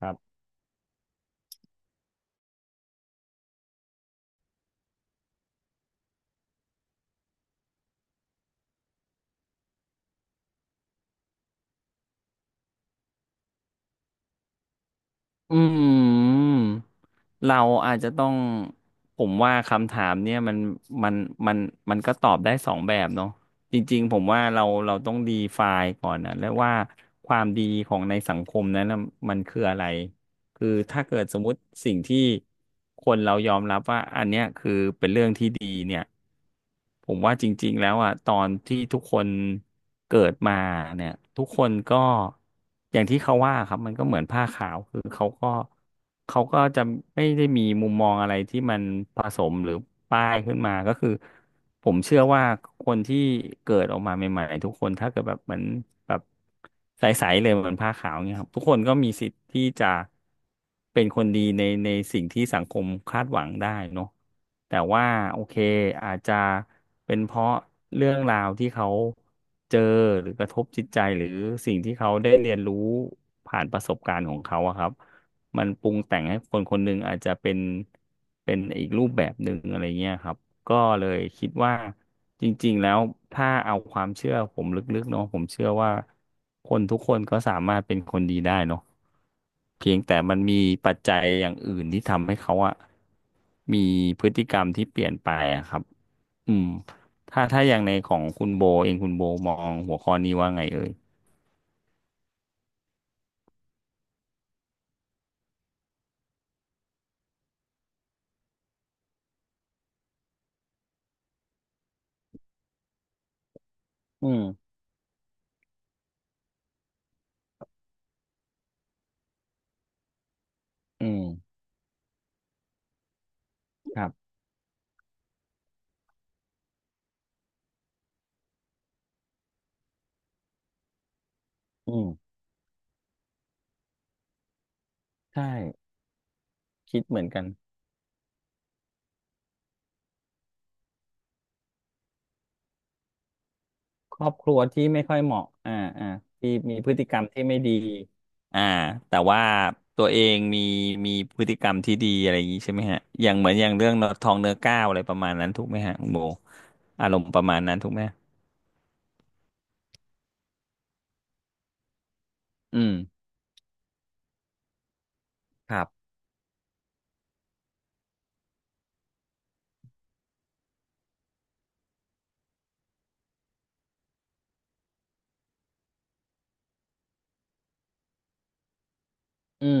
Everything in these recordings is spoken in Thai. ครับอืมเราอาจจะต้อง ผมว่าคำถามเนี่ยมันมันมันมันก็ตอบได้สองแบบเนาะจริงๆผมว่าเราต้องดีไฟล์ก่อนนะแล้วว่าความดีของในสังคมนั้นน่ะมันคืออะไร คือถ้าเกิดสมมุติสิ่งที่คนเรายอมรับว่าอันเนี้ยคือเป็นเรื่องที่ดีเนี่ย ผมว่าจริงๆแล้วอ่ะตอนที่ทุกคนเกิดมาเนี่ยทุกคนก็ อย่างที่เขาว่าครับมันก็เหมือนผ้าขาวคือเขาก็จะไม่ได้มีมุมมองอะไรที่มันผสมหรือป้ายขึ้นมาก็คือผมเชื่อว่าคนที่เกิดออกมาใหม่ๆทุกคนถ้าเกิดแบบเหมือนแบบใสๆเลยเหมือนผ้าขาวเนี่ยครับทุกคนก็มีสิทธิ์ที่จะ เป็นคนดีในสิ่งที่สังคมคาดหวังได้เนาะแต่ว่าโอเคอาจจะเป็นเพราะเรื่องราวที่เขาเจอหรือกระทบจิตใจหรือสิ่งที่เขาได้เรียนรู้ผ่านประสบการณ์ของเขาอะครับมันปรุงแต่งให้คนคนหนึ่งอาจจะเป็นอีกรูปแบบหนึ่งอะไรเงี้ยครับ ก็เลยคิดว่าจริงๆแล้วถ้าเอาความเชื่อผมลึกๆเนาะผมเชื่อว่าคนทุกคนก็สามารถเป็นคนดีได้เนาะเพียงแต่มันมีปัจจัยอย่างอื่นที่ทำให้เขาอะมีพฤติกรรมที่เปลี่ยนไปอะครับอืมถ้าอย่างในของคุณโบเองคุณโบมองหัวข้อนี้ว่าไงเอ่ยอืมอืมครับอืมใช่คิดเหมือนกัน ครอบครัวที่ไม่ค่อยเหมาะอ่าที่มีพฤติกรรมที่ไม่ดีอ่าแต่ว่าตัวเองมีพฤติกรรมที่ดีอะไรอย่างนี้ใช่ไหมฮะอย่างเหมือนอย่างเรื่องทองเนื้อก้าวอะไรประมาณนั้นถูกไหมฮะคุณโบอารมณ์ประมาณนั้นถูกไหมอืมครับอืม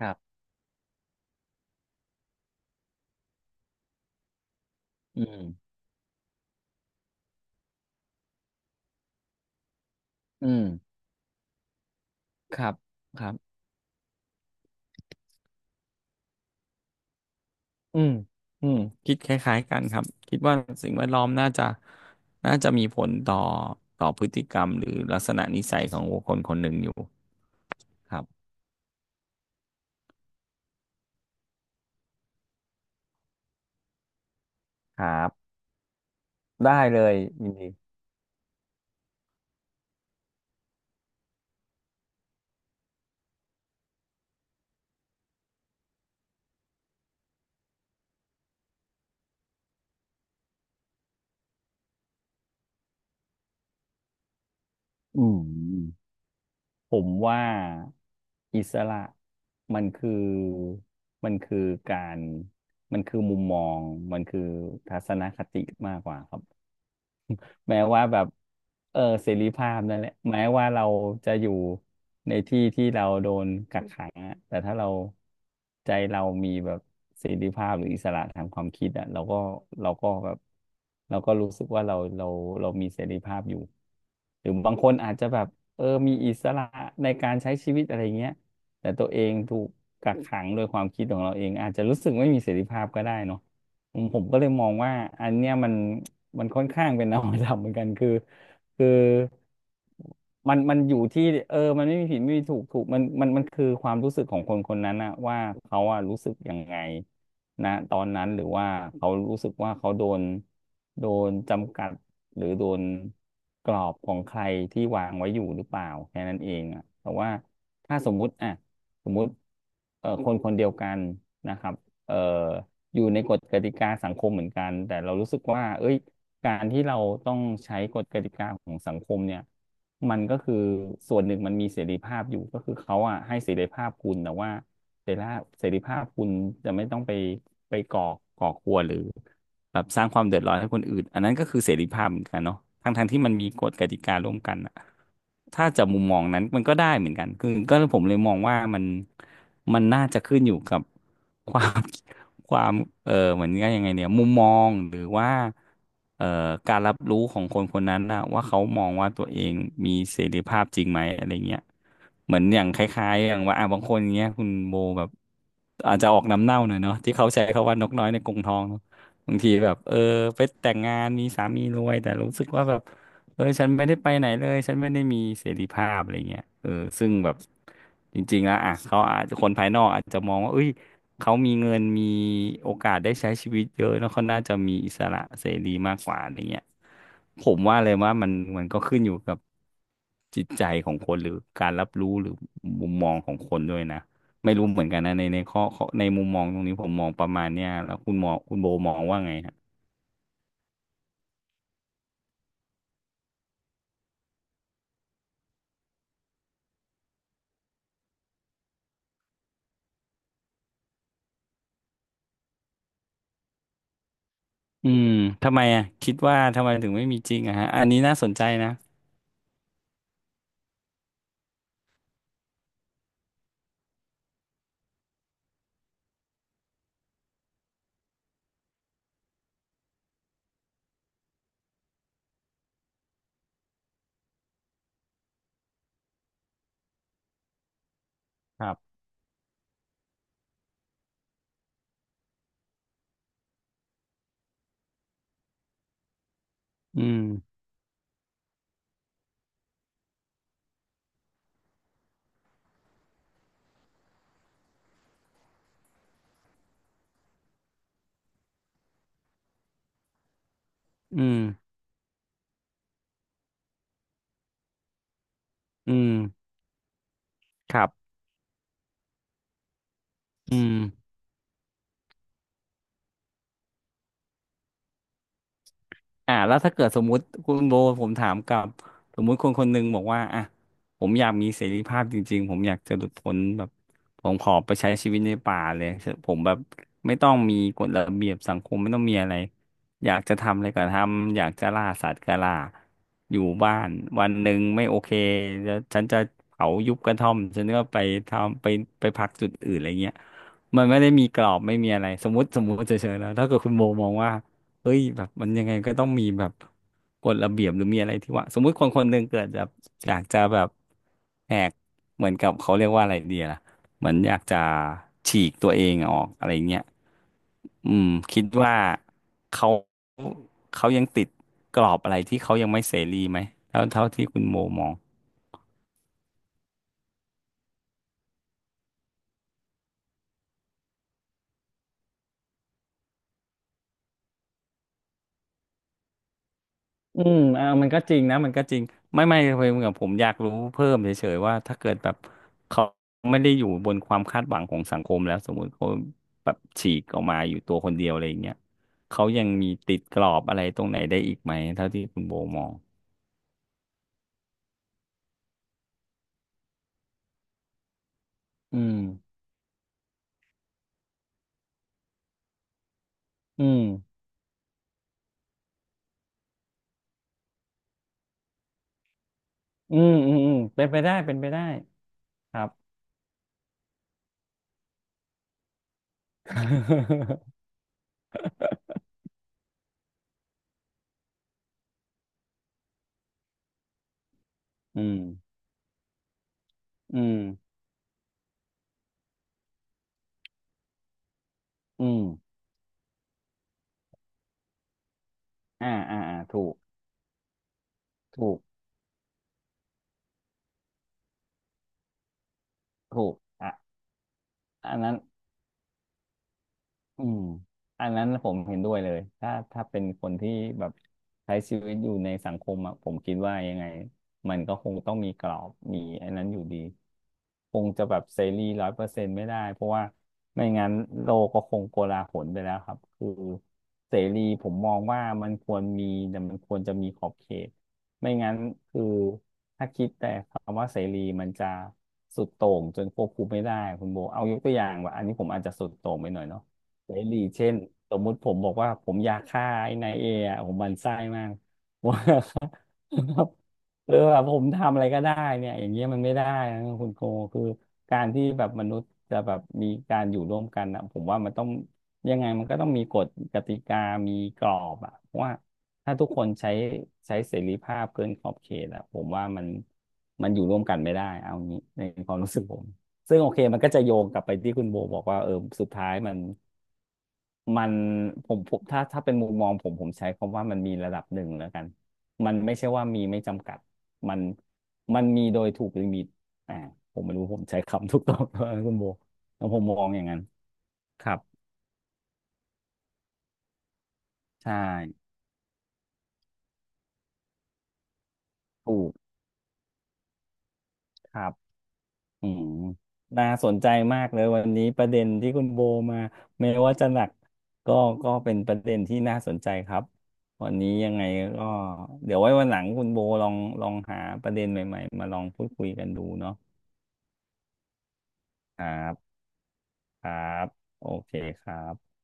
ครับอืมอืมครับครับอืมอืมคิดคล้ายๆกันครับ คิดว่าสิ่งแวดล้อมน่าจะมีผลต่อพฤติกรรมหรือลักษณะนิสัยของบุคคลคนหนึ่งอยู่ครับครับ ได้เลยยินดีอืมผมว่าอิสระมันคือมันคือการมันคือมุมมองมันคือทัศนคติมากกว่าครับ แม้ว่าแบบเสรีภาพนั่นแหละแม้ว่าเราจะอยู่ในที่ที่เราโดนกักขังอะแต่ถ้าเราใจเรามีแบบเสรีภาพหรืออิสระทางความคิดอะเราก็แบบเราก็รู้สึกว่าเรามีเสรีภาพอยู่หรือบางคนอาจจะแบบมีอิสระในการใช้ชีวิตอะไรเงี้ยแต่ตัวเองถูกกักขังโดยความคิดของเราเองอาจจะรู้สึกไม่มีเสรีภาพก็ได้เนาะ ผมก็เลยมองว่าอันเนี้ยมันค่อนข้างเป็นนวัตกรรมเหมือนกันคือมันอยู่ที่มันไม่มีผิดไม่มีถูกมันคือความรู้สึกของคนคนนั้นนะว่าเขาอะรู้สึกยังไงนะตอนนั้นหรือว่าเขารู้สึกว่าเขาโดนจำกัดหรือโดนกรอบของใครที่วางไว้อยู่หรือเปล่าแค่นั้นเองอะแต่ว่าถ้าสมมุติคนคนเดียวกันนะครับเอ่อ อยู่ในกฎกติกาสังคมเหมือนกันแต่เรารู้สึกว่าเอ้ยการที่เราต้องใช้กฎกติกาของสังคมเนี่ยมันก็คือส่วนหนึ่งมันมีเสรีภาพอยู่ก็คือเขาอ่ะให้เสรีภาพคุณแต่ว่าเสรีภาพคุณจะไม่ต้องไปก่อครัวรหรือแบบสร้างความเดือดร้อนให้คนอื่นอันนั้นก็คือเสรีภาพเหมือนกันเนาะทั้งท้งที่มันมีกฎกติการ่วมกันอะถ้าจะมุมมองนั้นมันก็ได้เหมือนกันคือก็ผมเลยมองว่ามันน่าจะขึ้นอยู่กับ ความ ความเหมือนกันยังไงเนี่ยมุมมองหรือว่าเอ่อการรับรู้ของคนคนนั้นนะว่าเขามองว่าตัวเองมีเสรีภาพจริงไหมอะไรเงี้ยเหมือนอย่างคล้ายๆอย่างว่าอ่ะบางคนเงี้ยคุณโบแบบอาจจะออกน้ำเน่าหน่อยเนาะที่เขาใช้คำว่านกน้อยในกรงทองเนอะบางทีแบบไปแต่งงานมีสามีรวยแต่รู้สึกว่าแบบฉันไม่ได้ไปไหนเลยฉันไม่ได้มีเสรีภาพอะไรเงี้ยซึ่งแบบจริงๆแล้วอ่ะเขาอาจจะคนภายนอกอาจจะมองว่าเอ้ย เขามีเงินมีโอกาสได้ใช้ชีวิตเยอะแล้วเขาน่าจะมีอิสระเสรีมากกว่าอะไรเงี้ยผมว่าเลยว่ามันก็ขึ้นอยู่กับจิตใจของคนหรือการรับรู้หรือมุมมองของคนด้วยนะไม่รู้เหมือนกันนะในข้อในมุมมองตรงนี้ผมมองประมาณเนี้ยแล้วคุณโบมองว่าไงฮะอืมทำไมอ่ะคิดว่าทำไมถึงไม่มีจริงอะฮะอันนี้น่าสนใจนะครับอืมอืมอืมครับอืม อ่าแล้วถ้าเกิดสมมุติคุณโบผมถามกลับสมมุติคนคนหนึ่งบอกว่าอ่ะผมอยากมีเสรีภาพจริงๆผมอยากจะหลุดพ้นแบบผมขอไปใช้ชีวิตในป่าเลยผมแบบไม่ต้องมีกฎระเบียบสังคมไม่ต้องมีอะไรอยากจะทำอะไรก็ทำอยากจะล่าสัตว์ก็ล่าอยู่บ้านวันหนึ่งไม่โอเคแล้วฉันจะเผายุบกระท่อมฉันก็ไปทำไปพักจุดอื่นอะไรเงี้ยมันไม่ได้มีกรอบไม่มีอะไรสมมติเฉยๆแล้วถ้าเกิดคุณโบมองว่า เฮ้ยแบบมันยังไงก็ต้องมีแบบกฎระเบียบหรือมีอะไรที่ว่าสมมุติคนคนหนึ่งเกิดแบบอยากจะแบบแหกเหมือนกับเขาเรียกว่าอะไรดีล่ะเหมือนอยากจะฉีกตัวเองออกอะไรเงี้ยอืมคิดว่าเขาเขายังติดกรอบอะไรที่เขายังไม่เสรีไหมเท่าที่คุณโมมอง อืมเออมันก็จริงนะมันก็จริงไม่เพียงกับผมอยากรู้เพิ่มเฉยๆว่าถ้าเกิดแบบเขาไม่ได้อยู่บนความคาดหวังของสังคมแล้วสมมุติเขาแบบฉีกออกมาอยู่ตัวคนเดียวอะไรอย่างเงี้ยเขายังมีติดกรอบอะไรตรงไหนได้อีกไหมเท่าที่คุณโบมองอืมอืมอืมอืมอืมเป็นไปได้เป็นไปได้ครับ อืมอืมอืมอ่าอ่าอ่าถูกถูกถูกอ่ะอันนั้น อืม อันนั้นผมเห็นด้วยเลย ถ้าเป็นคนที่แบบใช้ชีวิตอยู่ในสังคมอะผมคิดว่ายังไง มันก็คงต้องมีกรอบมีอันนั้นอยู่ดี คงจะแบบเสรี100%ไม่ได้ เพราะว่าไม่งั้นโลกก็คงโกลาหลไปแล้วครับคือเสรีผมมองว่ามันควรมีแต่มันควรจะมีขอบเขตไม่งั้นคือถ้าคิดแต่คำว่าเสรีมันจะสุดโต่งจนควบคุมไม่ได้คุณโบเอายกตัวอย่างว่าอันนี้ผมอาจจะสุดโต่งไปหน่อยเนาะ เสรีเช่นสมมุติผมบอกว่าผมอยากฆ่าไอ้นายเออะผมหมันไส้มาก ว่าแบบเออแบบผมทำอะไรก็ได้เนี่ยอย่างเงี้ยมันไม่ได้นะคุณโกคือการที่แบบมนุษย์จะแบบมีการอยู่ร่วมกันนะผมว่ามันต้องยังไงมันก็ต้องมีกฎกติกามีกรอบอะเพราะว่าถ้าทุกคนใช้เสรีภาพเกินขอบเขตอะผมว่ามันอยู่ร่วมกันไม่ได้เอางี้ในความรู้สึกผมซึ่งโอเคมันก็จะโยงกลับไปที่คุณโบบอกว่าเออสุดท้ายมัน มันผมถ้าเป็นมุมมองผมใช้คำว่ามันมีระดับหนึ่งแล้วกัน มันไม่ใช่ว่ามีไม่จำกัด มันมันมีโดยถูกลิมิตอ่าผมไม่รู้ผมใช้คำถูกต้องไหมคุณโบแล้วผมมองอย่างนั้นครับ ใช่ถูกครับอืมน่าสนใจมากเลยวันนี้ประเด็นที่คุณโบมาไม่ว่าจะหนักก็ก็เป็นประเด็นที่น่าสนใจครับวันนี้ยังไงก็เดี๋ยวไว้วันหลังคุณโบลองหาประเด็นใหม่ๆมาลองพูดคุยกันดูเนาะ ครับครับโอเคครับ